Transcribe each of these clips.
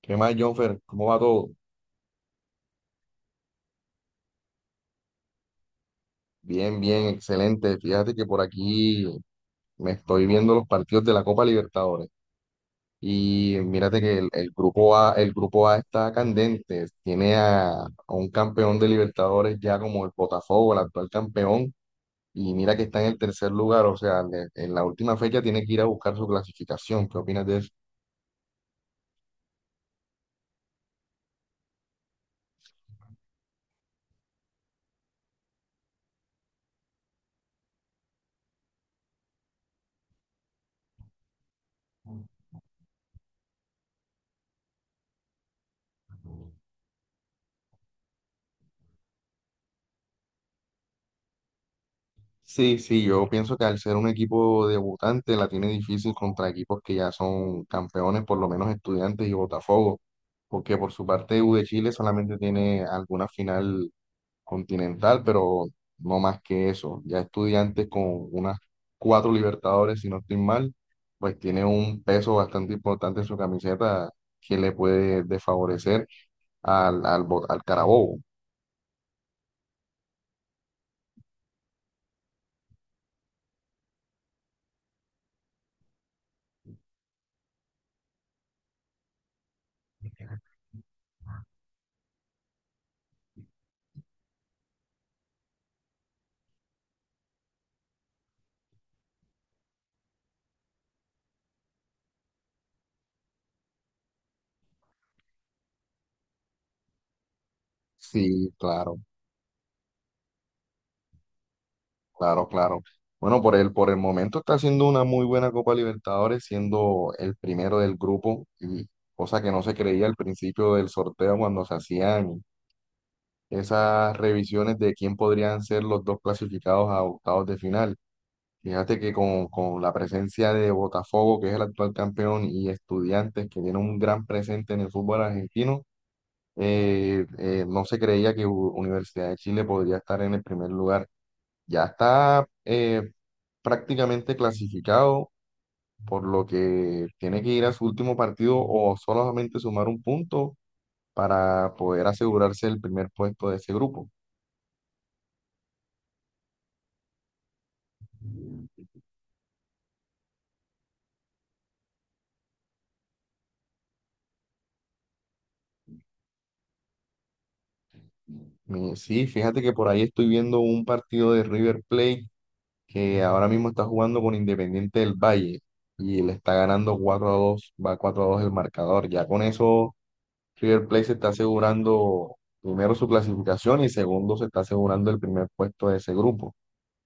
¿Qué más, Jonfer? ¿Cómo va todo? Bien, bien, excelente. Fíjate que por aquí me estoy viendo los partidos de la Copa Libertadores. Y mírate que el grupo A, el grupo A está candente. Tiene a un campeón de Libertadores ya como el Botafogo, el actual campeón. Y mira que está en el tercer lugar. O sea, en la última fecha tiene que ir a buscar su clasificación. ¿Qué opinas de eso? Sí, sí, yo pienso que al ser un equipo debutante la tiene difícil contra equipos que ya son campeones, por lo menos Estudiantes y Botafogo, porque por su parte U de Chile solamente tiene alguna final continental, pero no más que eso. Ya Estudiantes con unas cuatro Libertadores, si no estoy mal, pues tiene un peso bastante importante en su camiseta que le puede desfavorecer al al Carabobo. Sí, claro. Claro, claro. Bueno, por el momento está haciendo una muy buena Copa Libertadores, siendo el primero del grupo, y cosa que no se creía al principio del sorteo cuando se hacían esas revisiones de quién podrían ser los dos clasificados a octavos de final. Fíjate que con la presencia de Botafogo, que es el actual campeón, y Estudiantes, que tiene un gran presente en el fútbol argentino, no se creía que Universidad de Chile podría estar en el primer lugar. Ya está prácticamente clasificado, por lo que tiene que ir a su último partido o solamente sumar un punto para poder asegurarse el primer puesto de ese grupo. Sí, fíjate que por ahí estoy viendo un partido de River Plate que ahora mismo está jugando con Independiente del Valle y le está ganando 4-2. Va 4 a 2 el marcador. Ya con eso River Plate se está asegurando primero su clasificación y segundo se está asegurando el primer puesto de ese grupo.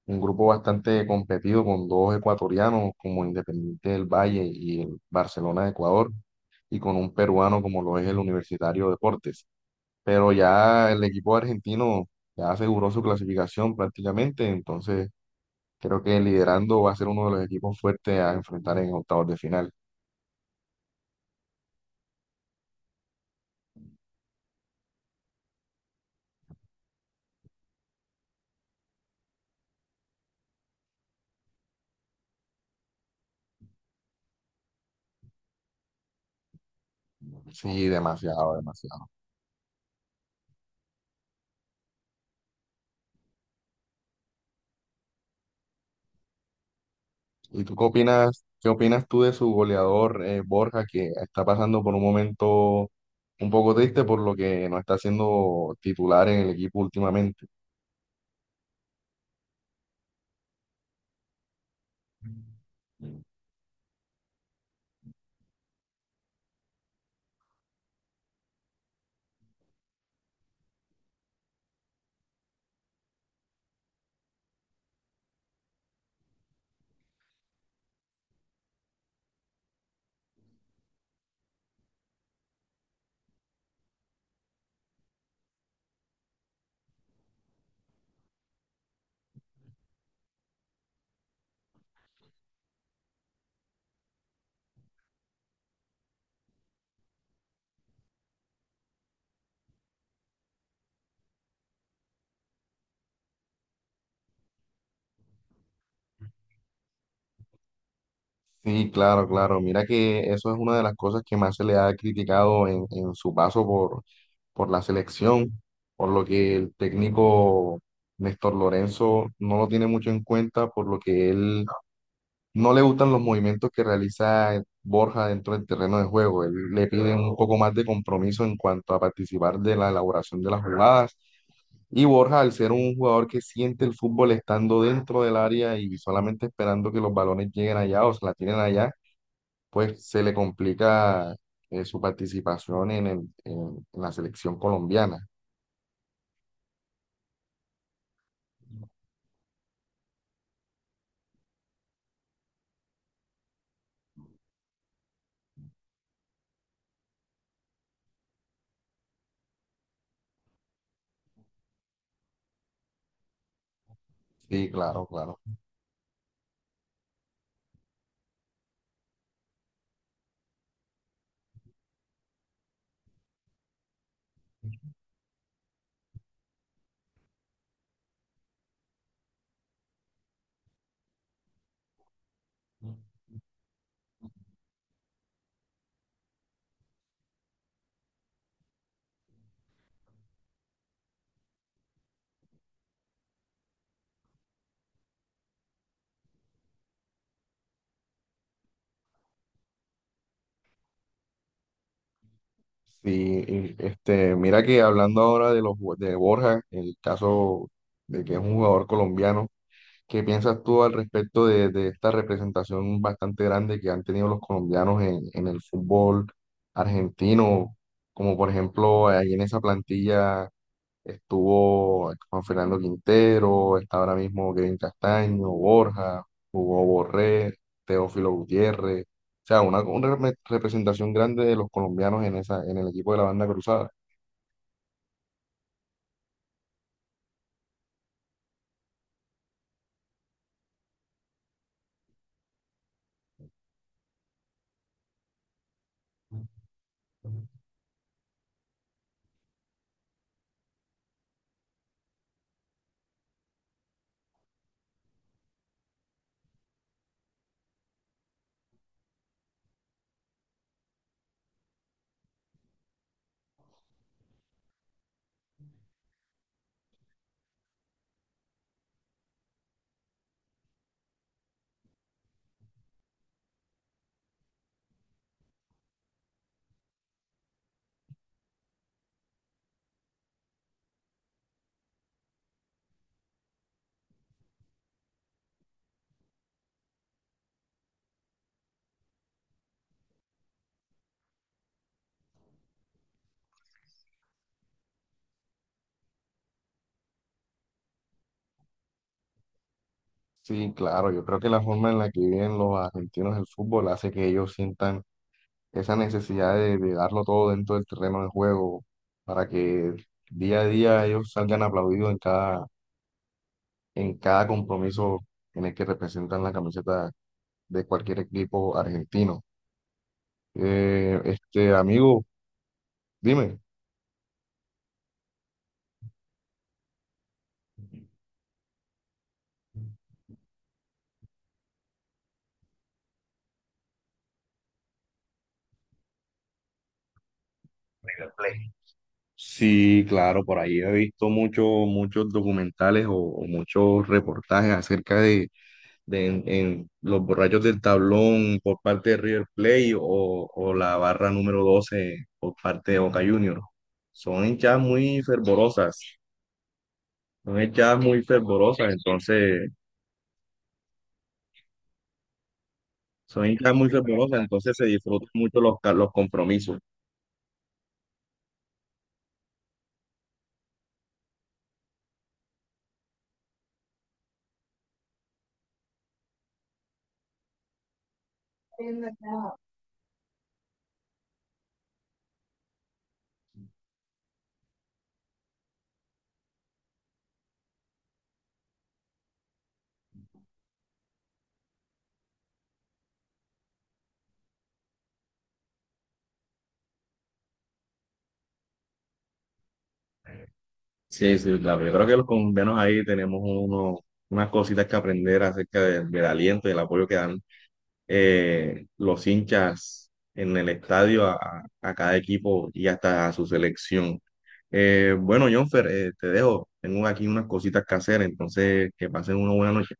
Un grupo bastante competido con dos ecuatorianos como Independiente del Valle y el Barcelona de Ecuador y con un peruano como lo es el Universitario Deportes. Pero ya el equipo argentino ya aseguró su clasificación prácticamente, entonces creo que liderando va a ser uno de los equipos fuertes a enfrentar en octavos de final. Sí, demasiado, demasiado. ¿Y tú qué opinas tú de su goleador Borja, que está pasando por un momento un poco triste por lo que no está siendo titular en el equipo últimamente? Sí, claro, claro. Mira que eso es una de las cosas que más se le ha criticado en su paso por la selección, por lo que el técnico Néstor Lorenzo no lo tiene mucho en cuenta, por lo que él no le gustan los movimientos que realiza Borja dentro del terreno de juego. Él le piden un poco más de compromiso en cuanto a participar de la elaboración de las jugadas. Y Borja, al ser un jugador que siente el fútbol estando dentro del área y solamente esperando que los balones lleguen allá o se la tienen allá, pues se le complica su participación en la selección colombiana. Sí, claro, claro. Sí, y, este, mira que hablando ahora de de Borja, el caso de que es un jugador colombiano, ¿qué piensas tú al respecto de esta representación bastante grande que han tenido los colombianos en el fútbol argentino? Como por ejemplo, ahí en esa plantilla estuvo Juan Fernando Quintero, está ahora mismo Kevin Castaño, Borja, Hugo Borré, Teófilo Gutiérrez. O sea, una representación grande de los colombianos en esa, en el equipo de la banda cruzada. Sí, claro, yo creo que la forma en la que viven los argentinos el fútbol hace que ellos sientan esa necesidad de darlo todo dentro del terreno de juego para que día a día ellos salgan aplaudidos en cada compromiso en el que representan la camiseta de cualquier equipo argentino. Este amigo, dime. River Plate. Sí, claro, por ahí he visto muchos documentales o muchos reportajes acerca de en los borrachos del tablón por parte de River Plate o la barra número 12 por parte de Boca Juniors. Son hinchas muy fervorosas, son hinchas muy fervorosas, entonces, Son hinchas muy fervorosas, entonces se disfrutan mucho los compromisos. Sí, sí, claro. Yo creo que los colombianos ahí tenemos unas cositas que aprender acerca del aliento y el apoyo que dan los hinchas en el estadio a cada equipo y hasta a su selección. Bueno, Jonfer, te dejo. Tengo aquí unas cositas que hacer, entonces que pasen una buena noche.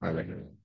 Vale.